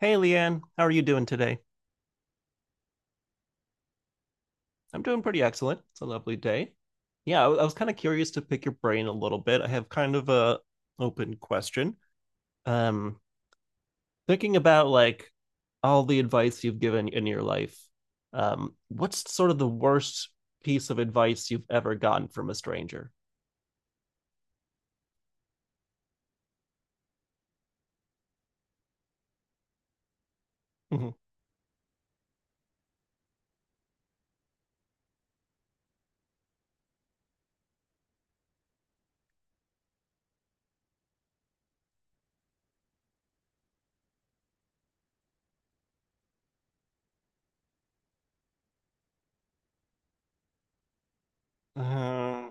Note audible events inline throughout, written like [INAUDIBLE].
Hey, Leanne, how are you doing today? I'm doing pretty excellent. It's a lovely day. Yeah, I was kind of curious to pick your brain a little bit. I have kind of a open question. Um, thinking about like all the advice you've given in your life, what's sort of the worst piece of advice you've ever gotten from a stranger? Mhm. Uh,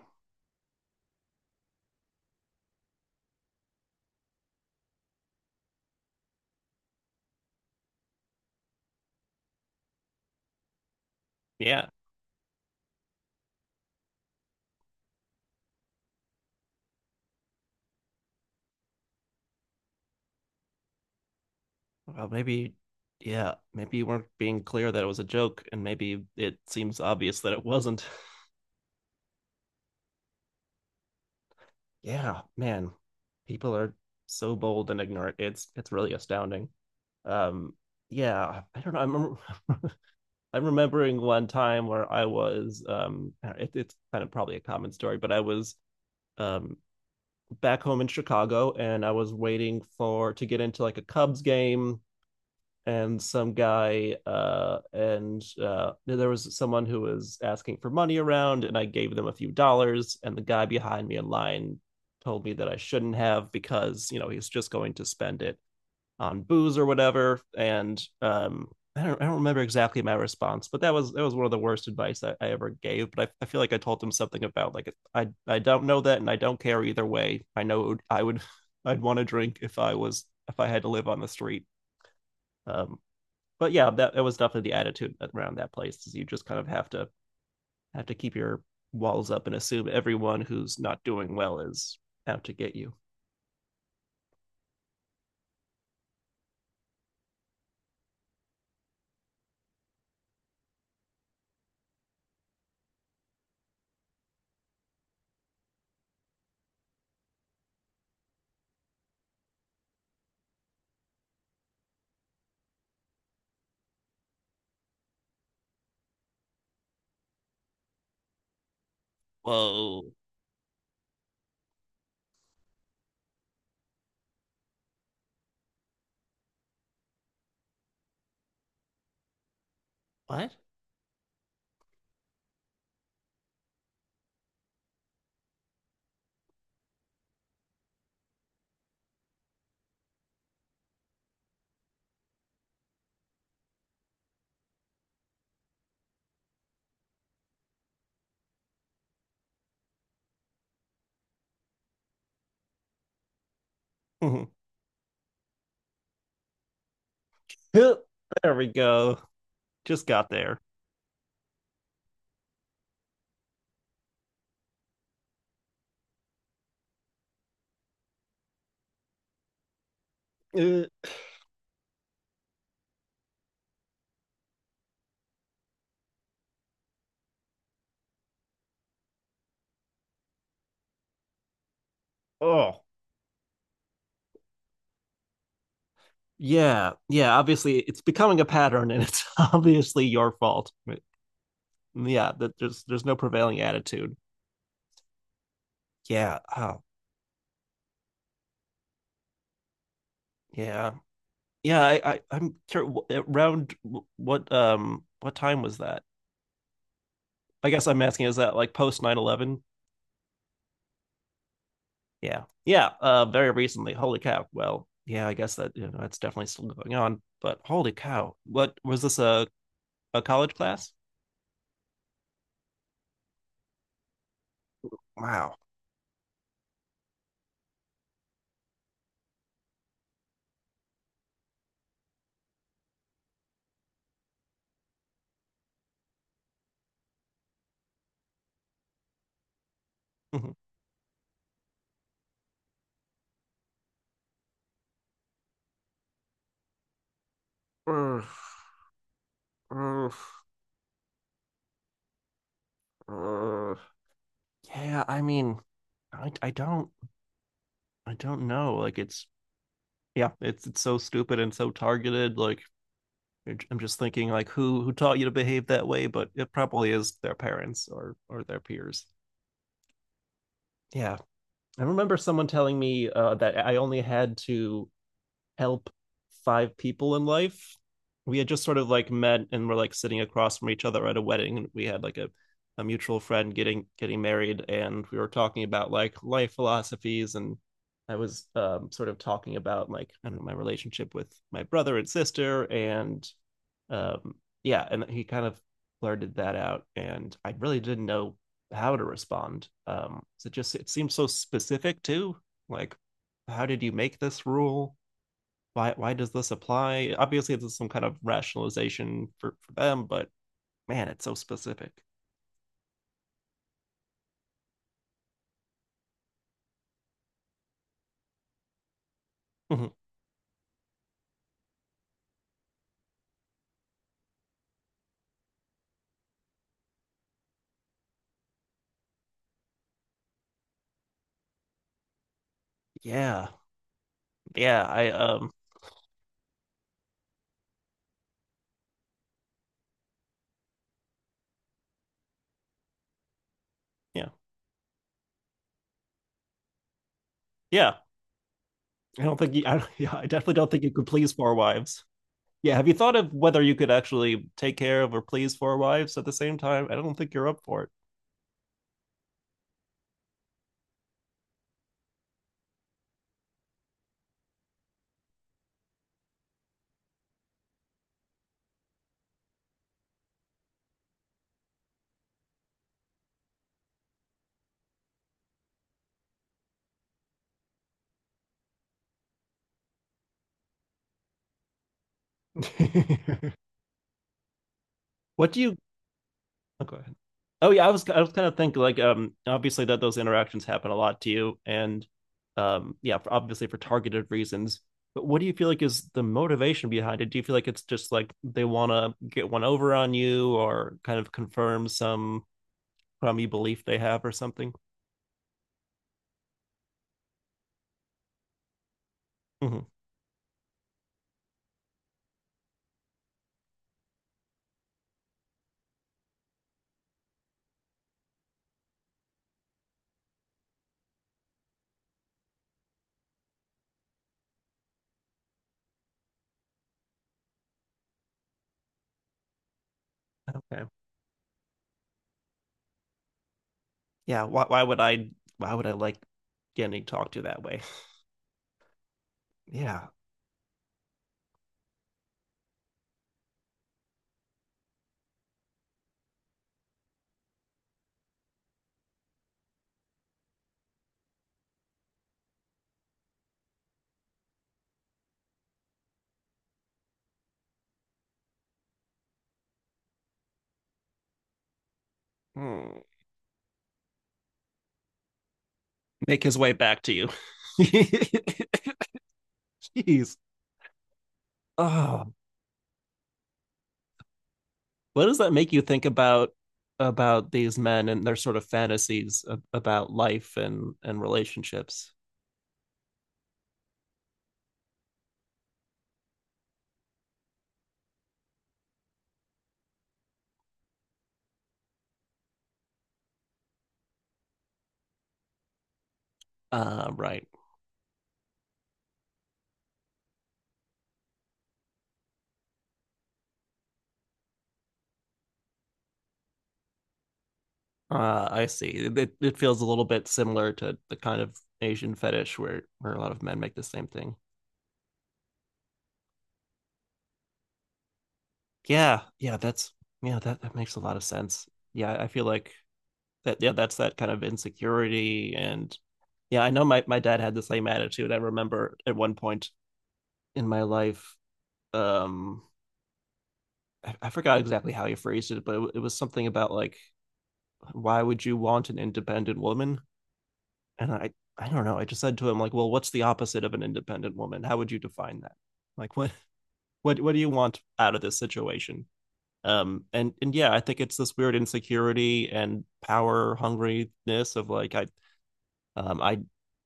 yeah. Well, maybe, yeah, maybe you weren't being clear that it was a joke, and maybe it seems obvious that it wasn't. Yeah, man, people are so bold and ignorant. It's really astounding. Um, yeah, I don't know. I'm [LAUGHS] I'm remembering one time where I was it's kind of probably a common story, but I was um back home in Chicago and I was waiting for to get into like a Cubs game and some guy and there was someone who was asking for money around and I gave them a few dollars and the guy behind me in line told me that I shouldn't have because he's just going to spend it on booze or whatever and I don't remember exactly my response, but that was one of the worst advice I ever gave. But I feel like I told them something about like I don't know that and I don't care either way. I know I would [LAUGHS] I'd want to drink if I was if I had to live on the street. Um, but yeah, that was definitely the attitude around that place. Is you just kind of have to keep your walls up and assume everyone who's not doing well is out to get you. Whoa. What? Mm-hmm. There we go. Just got there. Uh, oh. Yeah, yeah. Obviously, it's becoming a pattern, and it's [LAUGHS] obviously your fault. Yeah, that there's no prevailing attitude. Yeah. Oh, yeah, yeah. I'm curious. Around what time was that? I guess I'm asking, is that like post 9/11? Yeah. Yeah. Very recently. Holy cow. Well, yeah, I guess that, you know, that's definitely still going on. But holy cow. What was this a college class? Wow. Mhm. Ugh, ugh, ugh. Yeah. I mean, I, I don't, I don't know. Like it's, yeah, it's so stupid and so targeted. Like, I'm just thinking like who taught you to behave that way, but it probably is their parents or their peers. Yeah, I remember someone telling me that I only had to help five people in life. We had just sort of like met and were like sitting across from each other at a wedding, and we had like a mutual friend getting married, and we were talking about like life philosophies, and I was sort of talking about like I don't know my relationship with my brother and sister, and um yeah and he kind of blurted that out and I really didn't know how to respond so it just it seems so specific too like how did you make this rule why does this apply obviously there's some kind of rationalization for them but man it's so specific. Mm-hmm. yeah yeah I Yeah, yeah, I [LAUGHS] yeah, I definitely don't think you could please four wives. Yeah, have you thought of whether you could actually take care of or please four wives at the same time? I don't think you're up for it. [LAUGHS] What do you? Oh, go ahead. Oh yeah, I was kind of thinking like obviously that those interactions happen a lot to you and yeah obviously for targeted reasons. But what do you feel like is the motivation behind it? Do you feel like it's just like they want to get one over on you or kind of confirm some crummy belief they have or something? Hmm. Okay. Yeah. Why would I like getting talked to that way? Yeah. Hmm. Make his way back to you. [LAUGHS] Jeez. Oh. What does that make you think about these men and their sort of fantasies about life and relationships? Right. I see. It feels a little bit similar to the kind of Asian fetish where a lot of men make the same thing. Yeah, yeah, that's yeah, that that makes a lot of sense. Yeah, I feel like that yeah, that's that kind of insecurity and yeah, I know my my dad had the same attitude. I remember at one point in my life um I- forgot exactly how you phrased it, but it was something about like, why would you want an independent woman? And I don't know. I just said to him like, well, what's the opposite of an independent woman? How would you define that? Like, what, [LAUGHS] what do you want out of this situation? And yeah, I think it's this weird insecurity and power hungriness of like, um, I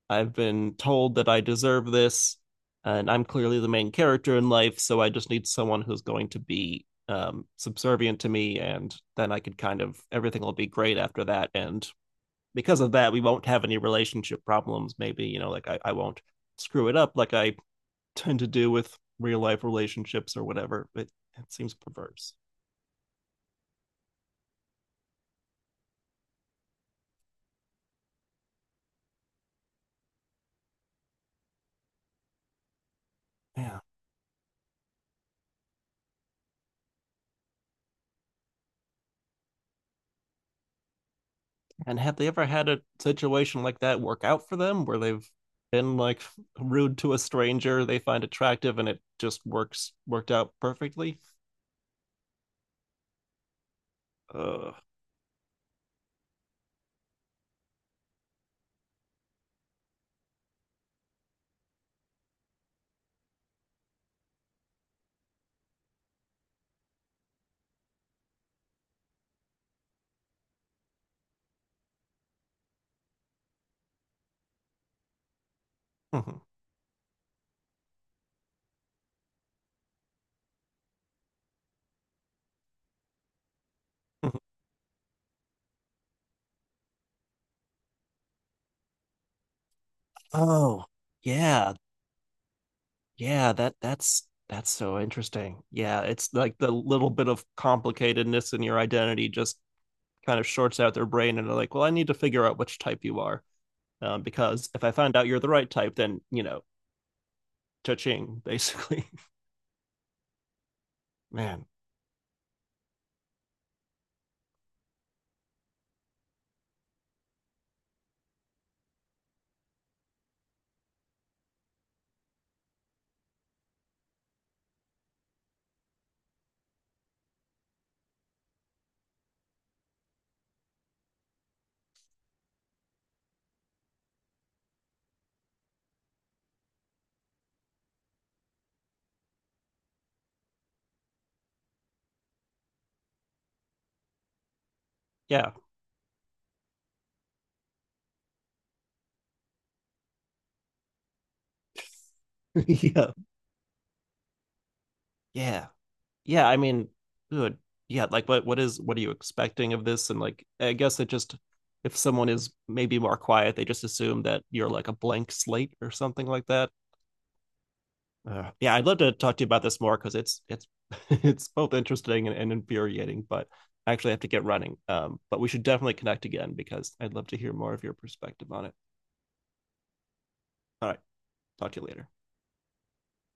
I've been told that I deserve this, and I'm clearly the main character in life, so I just need someone who's going to be subservient to me, and then I could kind of everything will be great after that. And because of that, we won't have any relationship problems. Maybe you know, like I won't screw it up like I tend to do with real life relationships or whatever. It seems perverse. Yeah, and have they ever had a situation like that work out for them where they've been like rude to a stranger they find attractive and it just works worked out perfectly? Uh, [LAUGHS] oh, yeah. Yeah, that's so interesting. Yeah, it's like the little bit of complicatedness in your identity just kind of shorts out their brain and they're like, "Well, I need to figure out which type you are." Because if I find out you're the right type, then, you know, cha-ching, basically. [LAUGHS] Man, yeah. [LAUGHS] Yeah. Yeah. Yeah, I mean, good. Yeah, like what is what are you expecting of this? And like I guess it just if someone is maybe more quiet, they just assume that you're like a blank slate or something like that. Yeah, I'd love to talk to you about this more because it's [LAUGHS] it's both interesting and infuriating, but I actually have to get running. But we should definitely connect again because I'd love to hear more of your perspective on it. All right, talk to you later.